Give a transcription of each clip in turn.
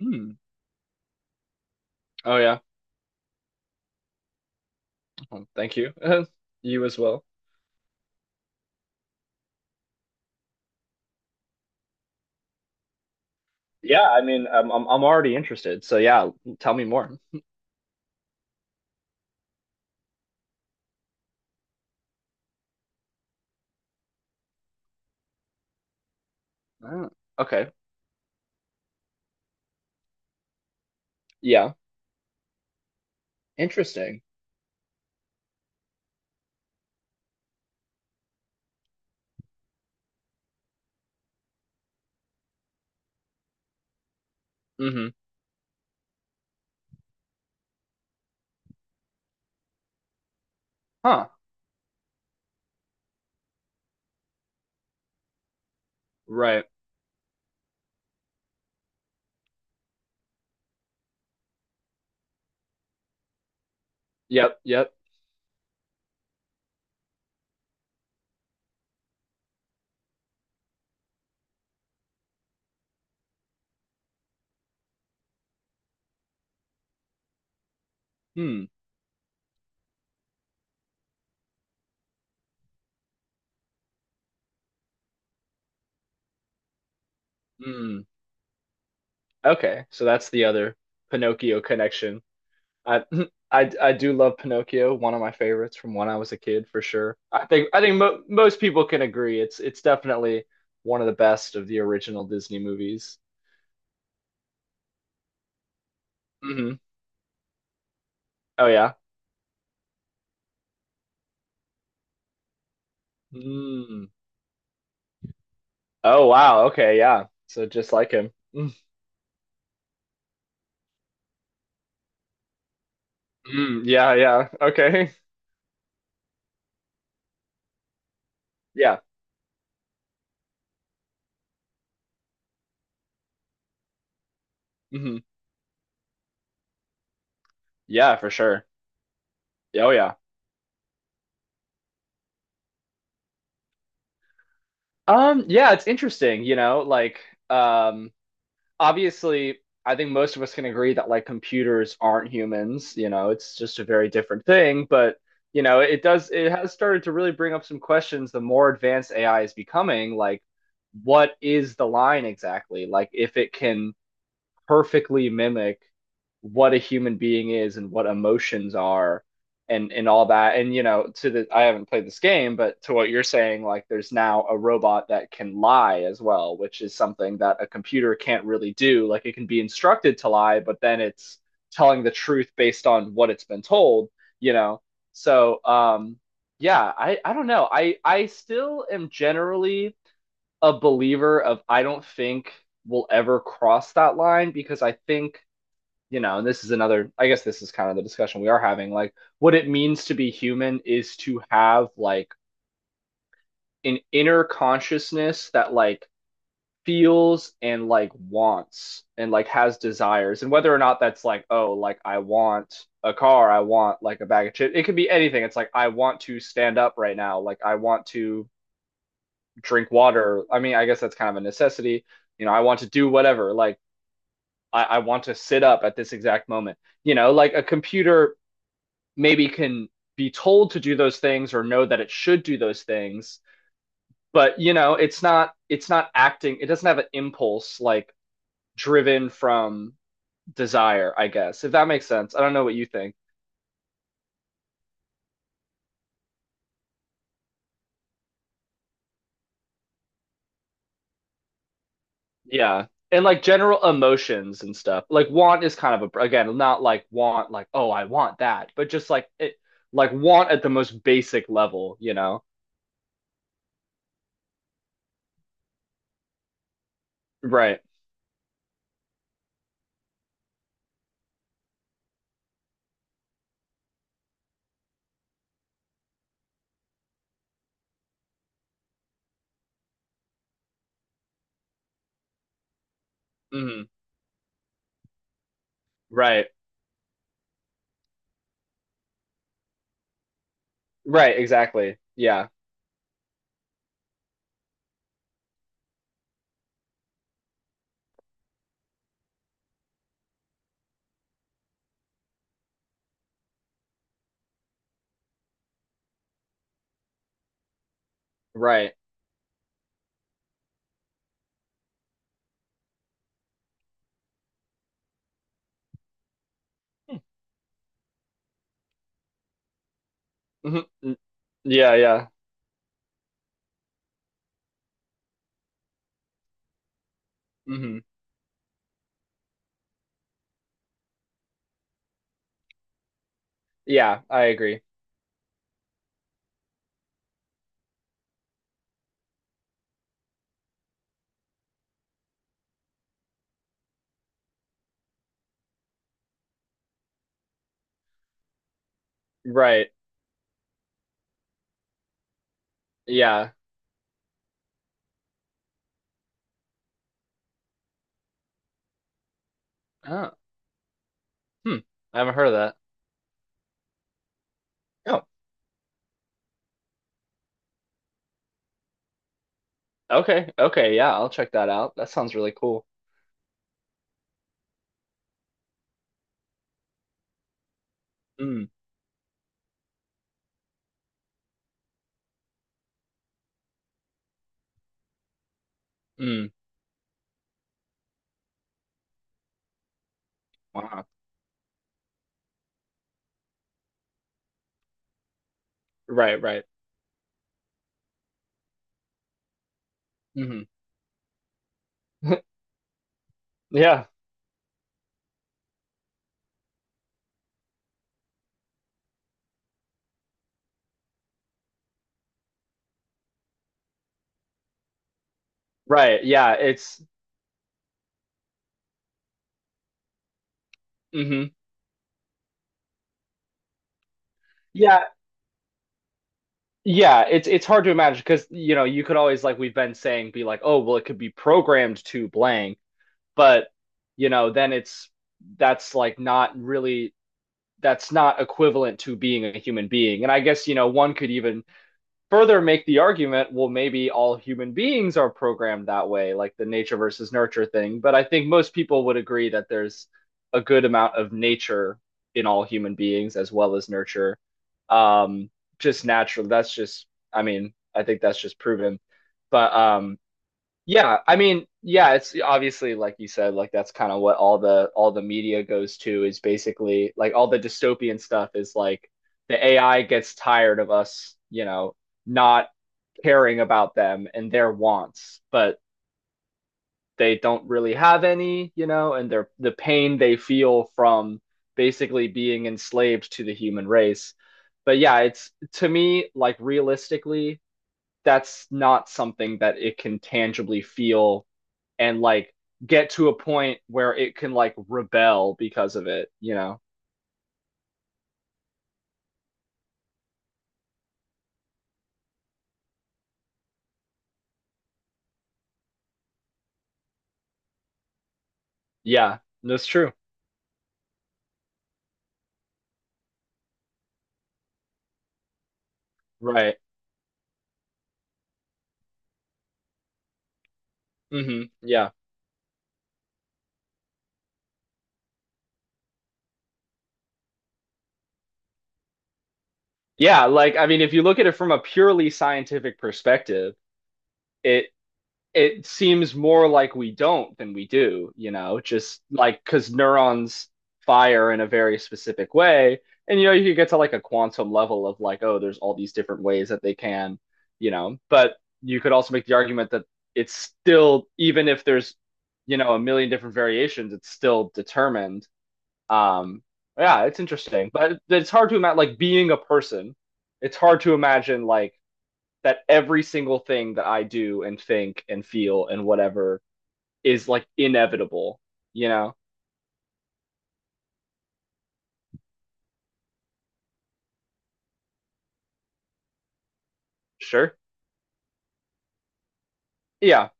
Mm. Oh yeah. Well, thank you. You as well. Yeah, I mean, I'm already interested. So yeah, tell me more. Oh, okay. Yeah. Interesting. Mm-hmm. Huh. Right. Yep. Yep. Hmm. Hmm. Okay. So that's the other Pinocchio connection. I I do love Pinocchio, one of my favorites from when I was a kid for sure. I think mo most people can agree it's definitely one of the best of the original Disney movies. Hmm. Oh yeah. Hmm. Oh wow. Okay. Yeah. So just like him. Mm. Mm, yeah. Yeah. Okay. Yeah. Hmm. Yeah. For sure. Oh yeah. Yeah. It's interesting. You know, like um. obviously, I think most of us can agree that like computers aren't humans. You know, it's just a very different thing. But you know, it does. It has started to really bring up some questions. The more advanced AI is becoming, like, what is the line exactly? Like, if it can perfectly mimic what a human being is and what emotions are and all that, and you know, to the, I haven't played this game, but to what you're saying, like there's now a robot that can lie as well, which is something that a computer can't really do. Like it can be instructed to lie, but then it's telling the truth based on what it's been told, you know? So yeah, I don't know. I still am generally a believer of, I don't think we'll ever cross that line, because I think, you know, and this is another, I guess this is kind of the discussion we are having. Like, what it means to be human is to have like an inner consciousness that like feels and like wants and like has desires. And whether or not that's like, oh, like I want a car, I want like a bag of chips, it could be anything. It's like, I want to stand up right now, like I want to drink water. I mean, I guess that's kind of a necessity. You know, I want to do whatever. Like, I want to sit up at this exact moment. You know, like a computer maybe can be told to do those things or know that it should do those things, but you know, it's not acting. It doesn't have an impulse like driven from desire, I guess, if that makes sense. I don't know what you think. Yeah. And like general emotions and stuff. Like want is kind of a, again, not like want like oh, I want that, but just like it, like want at the most basic level, you know? Right. Hmm. Right. Right, exactly. Yeah. Right. Hmm. Yeah, yeah. Hmm. Yeah, I agree. Right. Yeah. Oh. Hmm. I haven't heard of that. Oh. Okay. Okay, yeah, I'll check that out. That sounds really cool. Mm. Mm. Wow. Right, right. Hmm. Yeah. Right. Yeah. It's Hmm. Yeah. Yeah. It's hard to imagine because you know you could always, like we've been saying, be like oh well it could be programmed to blank, but you know then it's, that's like not really, that's not equivalent to being a human being. And I guess, you know, one could even further make the argument, well maybe all human beings are programmed that way, like the nature versus nurture thing. But I think most people would agree that there's a good amount of nature in all human beings as well as nurture. um just natural, that's just, I mean I think that's just proven. But yeah, I mean, yeah, it's obviously like you said, like that's kind of what all the media goes to, is basically like all the dystopian stuff is like the AI gets tired of us, you know, not caring about them and their wants, but they don't really have any, you know, and their, the pain they feel from basically being enslaved to the human race. But yeah, it's, to me, like realistically, that's not something that it can tangibly feel and like get to a point where it can like rebel because of it, you know? Yeah, that's true. Right. Hmm. Yeah. Yeah, like I mean, if you look at it from a purely scientific perspective, it it seems more like we don't than we do, you know, just like because neurons fire in a very specific way. And, you know, you could get to like a quantum level of like, oh, there's all these different ways that they can, you know, but you could also make the argument that it's still, even if there's, you know, a million different variations, it's still determined. Um, yeah, it's interesting, but it's hard to imagine like being a person. It's hard to imagine like that every single thing that I do and think and feel and whatever is like inevitable, you know? Sure. Yeah.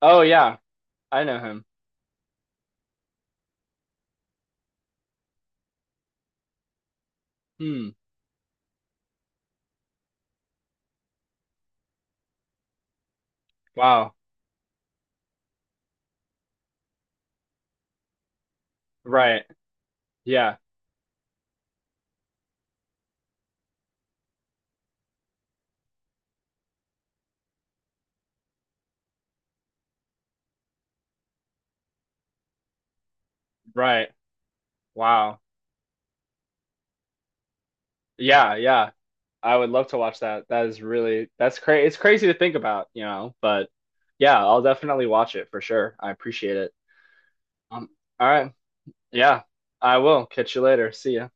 Oh, yeah. I know him. Hmm. Wow. Right. Yeah. Right. Wow. Yeah. Yeah. I would love to watch that. That is really, that's crazy. It's crazy to think about, you know, but yeah, I'll definitely watch it for sure. I appreciate it. Um, all right. Yeah. I will. Catch you later. See ya.